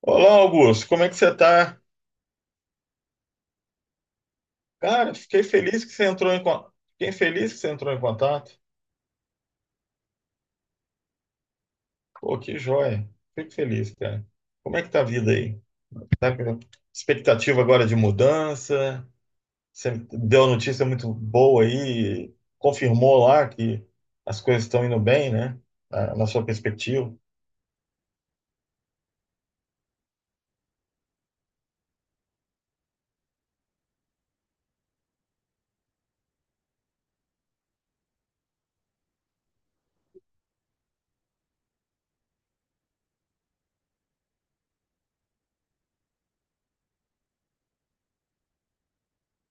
Olá, Augusto, como é que você tá? Cara, fiquei feliz que você entrou em contato. Fiquei feliz que você entrou em contato. Pô, que joia. Fico feliz, cara. Como é que tá a vida aí? Tá com expectativa agora de mudança? Você deu uma notícia muito boa aí, confirmou lá que as coisas estão indo bem, né? Na sua perspectiva.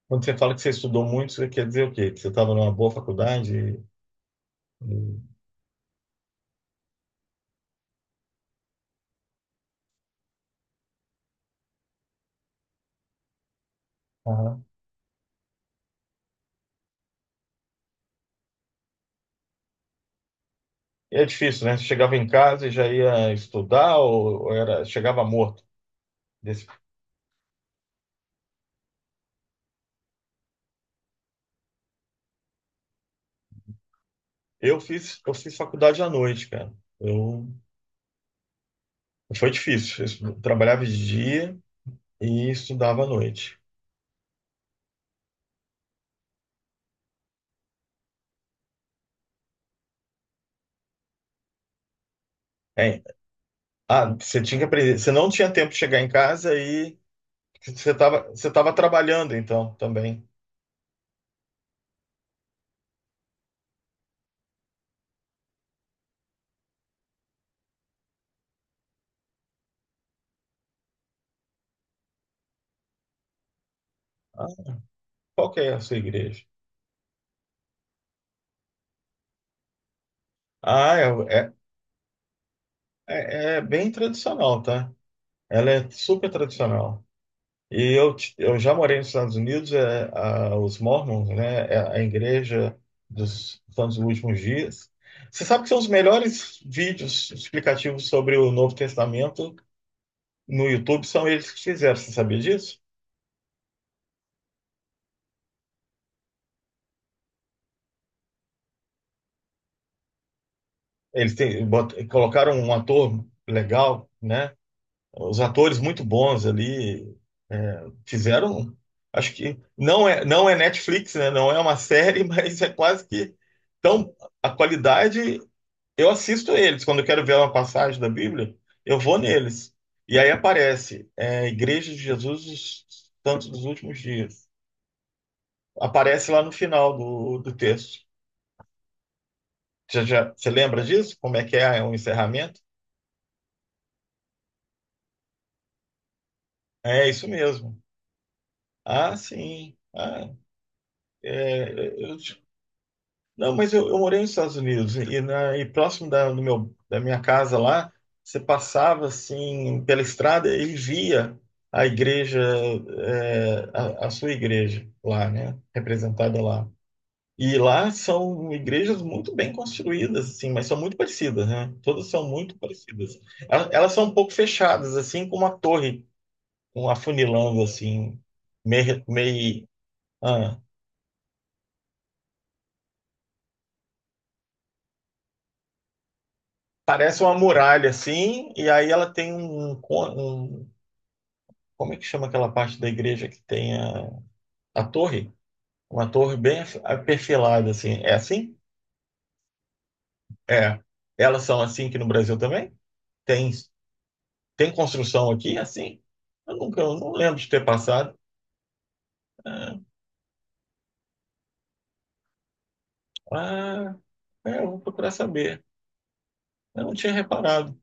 Quando você fala que você estudou muito, você quer dizer o quê? Que você estava numa boa faculdade? e- Aham. E é difícil, né? Você chegava em casa e já ia estudar ou era chegava morto? Desse- eu fiz faculdade à noite, cara. Eu, foi difícil. Trabalhava de dia e estudava à noite. É, você tinha que aprender. Você não tinha tempo de chegar em casa e você tava trabalhando então também. Ah, qual que é a sua igreja? Ah, é, é, é é bem tradicional, tá? Ela é super tradicional. E eu já morei nos Estados Unidos, os Mormons, né, é a igreja dos Santos dos Últimos Dias. Você sabe que são os melhores vídeos explicativos sobre o Novo Testamento no YouTube, são eles que fizeram, você sabia disso? Eles têm, colocaram um ator legal, né, os atores muito bons ali, fizeram, acho que não é, não é Netflix, né, não é uma série, mas é quase que tão, a qualidade. Eu assisto eles. Quando eu quero ver uma passagem da Bíblia, eu vou neles. E aí aparece Igreja de Jesus dos Santos dos Últimos Dias. Aparece lá no final do texto. Já, já, você lembra disso? Como é que é o encerramento? É isso mesmo. Ah, sim. Ah, é, eu. Não, mas eu morei nos Estados Unidos e, e próximo da minha casa lá, você passava assim pela estrada e via a igreja, a sua igreja lá, né? Representada lá. E lá são igrejas muito bem construídas, assim, mas são muito parecidas, né? Todas são muito parecidas. Elas são um pouco fechadas, assim, com uma torre, um afunilando, assim, meio, meio, parece uma muralha assim, e aí ela tem um, como é que chama aquela parte da igreja que tem a torre? Uma torre perfilada assim. É assim? É. Elas são assim aqui no Brasil também? Tem tem construção aqui é assim? Eu nunca, eu não lembro de ter passado. Ah, ah, é, eu vou procurar saber. Eu não tinha reparado.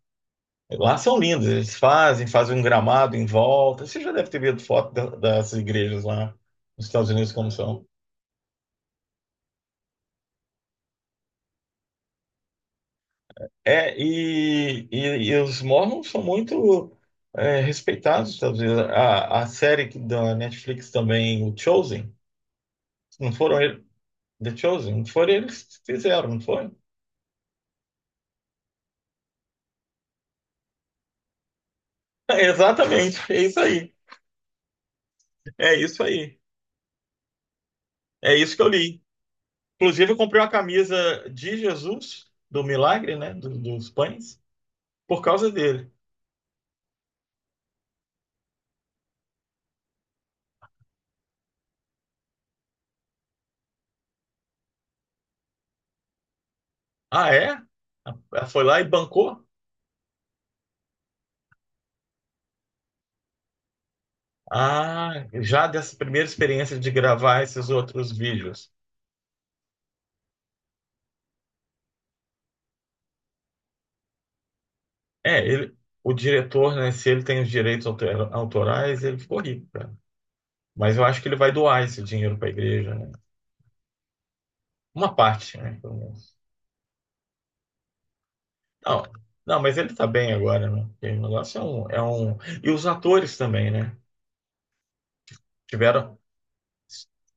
Lá são lindos, eles fazem, fazem um gramado em volta. Você já deve ter visto foto das igrejas lá nos Estados Unidos como são. É, e, e, e os Mormons são muito respeitados nos Estados Unidos. A série da Netflix também, o Chosen, não foram eles, The Chosen, não foram eles que fizeram, não foi? Exatamente, é isso aí, é isso que eu li. Inclusive, eu comprei uma camisa de Jesus, do milagre, né, dos pães, por causa dele. Ah, é? Ela foi lá e bancou? Ah, já dessa primeira experiência de gravar esses outros vídeos. É, ele, o diretor, né, se ele tem os autorais, ele ficou rico, cara. Mas eu acho que ele vai doar esse dinheiro para a igreja, né? Uma parte, né, pelo menos. Não, não, mas ele tá bem agora, né? Porque o negócio é um... E os atores também, né? Tiveram...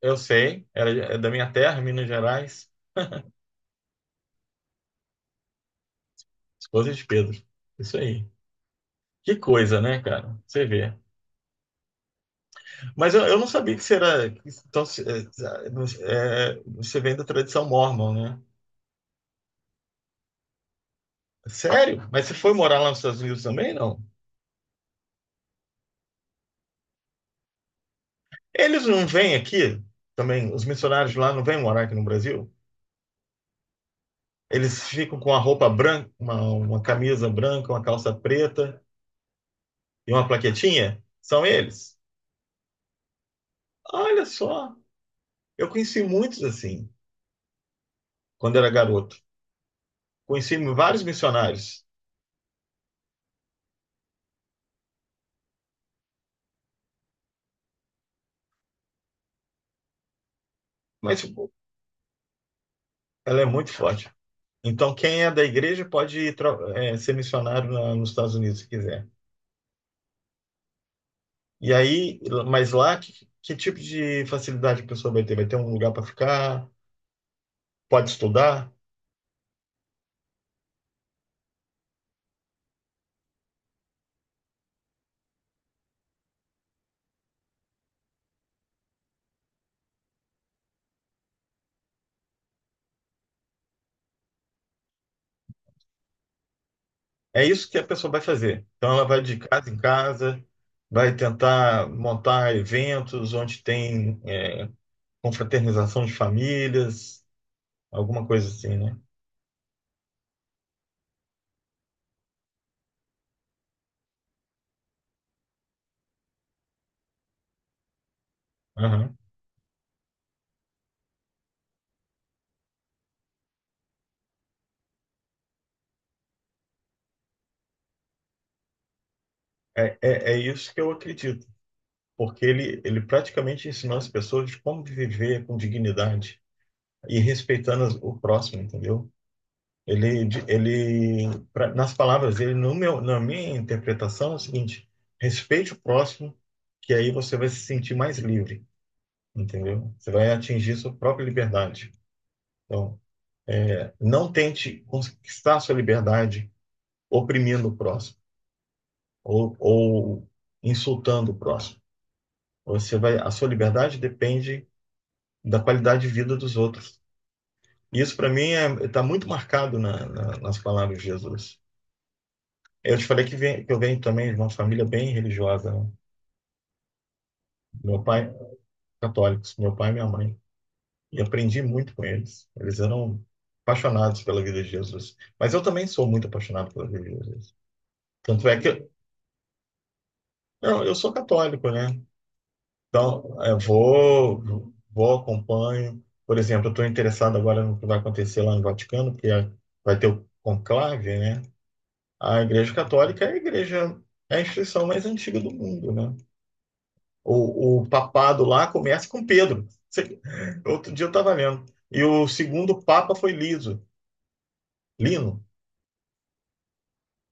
Eu sei, era é da minha terra, Minas Gerais, esposa de Pedro. Isso aí. Que coisa, né, cara? Você vê. Mas eu não sabia que você era... Então, é, você vem da tradição mórmon, né? Sério? Mas você foi morar lá nos Estados Unidos também, não? Eles não vêm aqui também, os missionários lá não vêm morar aqui no Brasil? Eles ficam com a roupa branca, uma camisa branca, uma calça preta e uma plaquetinha? São eles? Olha só, eu conheci muitos assim, quando era garoto. Conheci vários missionários, mas tipo, ela é muito forte. Então, quem é da igreja pode ir ser missionário nos Estados Unidos se quiser. E aí, mas lá, que tipo de facilidade a pessoa vai ter? Vai ter um lugar para ficar? Pode estudar? É isso que a pessoa vai fazer. Então, ela vai de casa em casa, vai tentar montar eventos onde tem confraternização de famílias, alguma coisa assim, né? Aham. É isso que eu acredito, porque ele praticamente ensinou as pessoas como viver com dignidade e respeitando o próximo, entendeu? Ele, de- ele pra- nas palavras dele, no meu, na minha interpretação, é o seguinte: respeite o próximo, que aí você vai se sentir mais livre, entendeu? Você vai atingir sua própria liberdade. Então, não tente conquistar sua liberdade oprimindo o próximo ou insultando o próximo. Você vai, a sua liberdade depende da qualidade de vida dos outros. Isso, para mim, está muito marcado nas palavras de Jesus. Eu te falei que eu venho também de uma família bem religiosa, né? Meu pai, católicos, meu pai e minha mãe. E aprendi muito com eles. Eles eram apaixonados pela vida de Jesus. Mas eu também sou muito apaixonado pela vida de Jesus. Tanto é que eu sou católico, né? Então, vou, acompanho. Por exemplo, eu estou interessado agora no que vai acontecer lá no Vaticano, porque vai ter o conclave, né? A Igreja Católica é a igreja, é a instituição mais antiga do mundo, né? O papado lá começa com Pedro. Outro dia eu estava lendo. E o segundo papa foi Liso, Lino,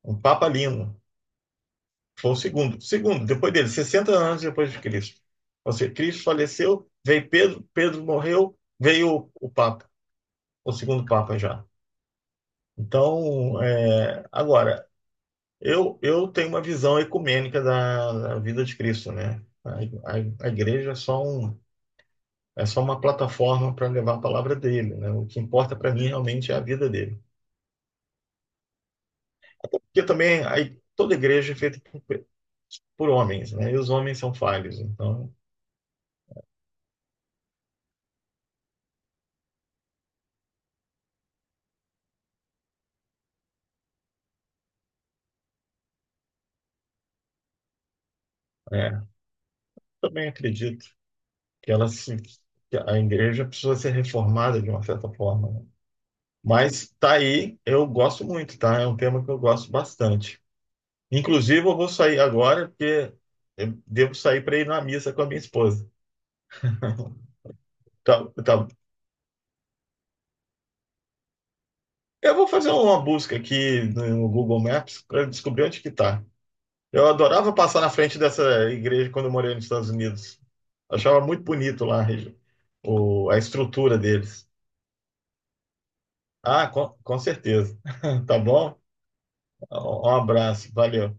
um papa Lino. Foi o segundo. Segundo, depois dele, 60 anos depois de Cristo. Ou seja, Cristo faleceu, veio Pedro, Pedro morreu, veio o papa, o segundo papa já. Então, é, agora, eu tenho uma visão ecumênica da vida de Cristo, né? A igreja é só um. É só uma plataforma para levar a palavra dele, né? O que importa para mim realmente é a vida dele. Até porque também aí, toda igreja é feita por, por homens, né? E os homens são falhos. Então, é, também acredito que ela se, que a igreja precisa ser reformada de uma certa forma, né? Mas tá aí, eu gosto muito, tá? É um tema que eu gosto bastante. Inclusive, eu vou sair agora porque eu devo sair para ir na missa com a minha esposa. Tá. Eu vou fazer uma busca aqui no Google Maps para descobrir onde que tá. Eu adorava passar na frente dessa igreja quando eu morei nos Estados Unidos. Achava muito bonito lá a estrutura deles. Ah, com certeza. Tá bom? Um abraço. Valeu.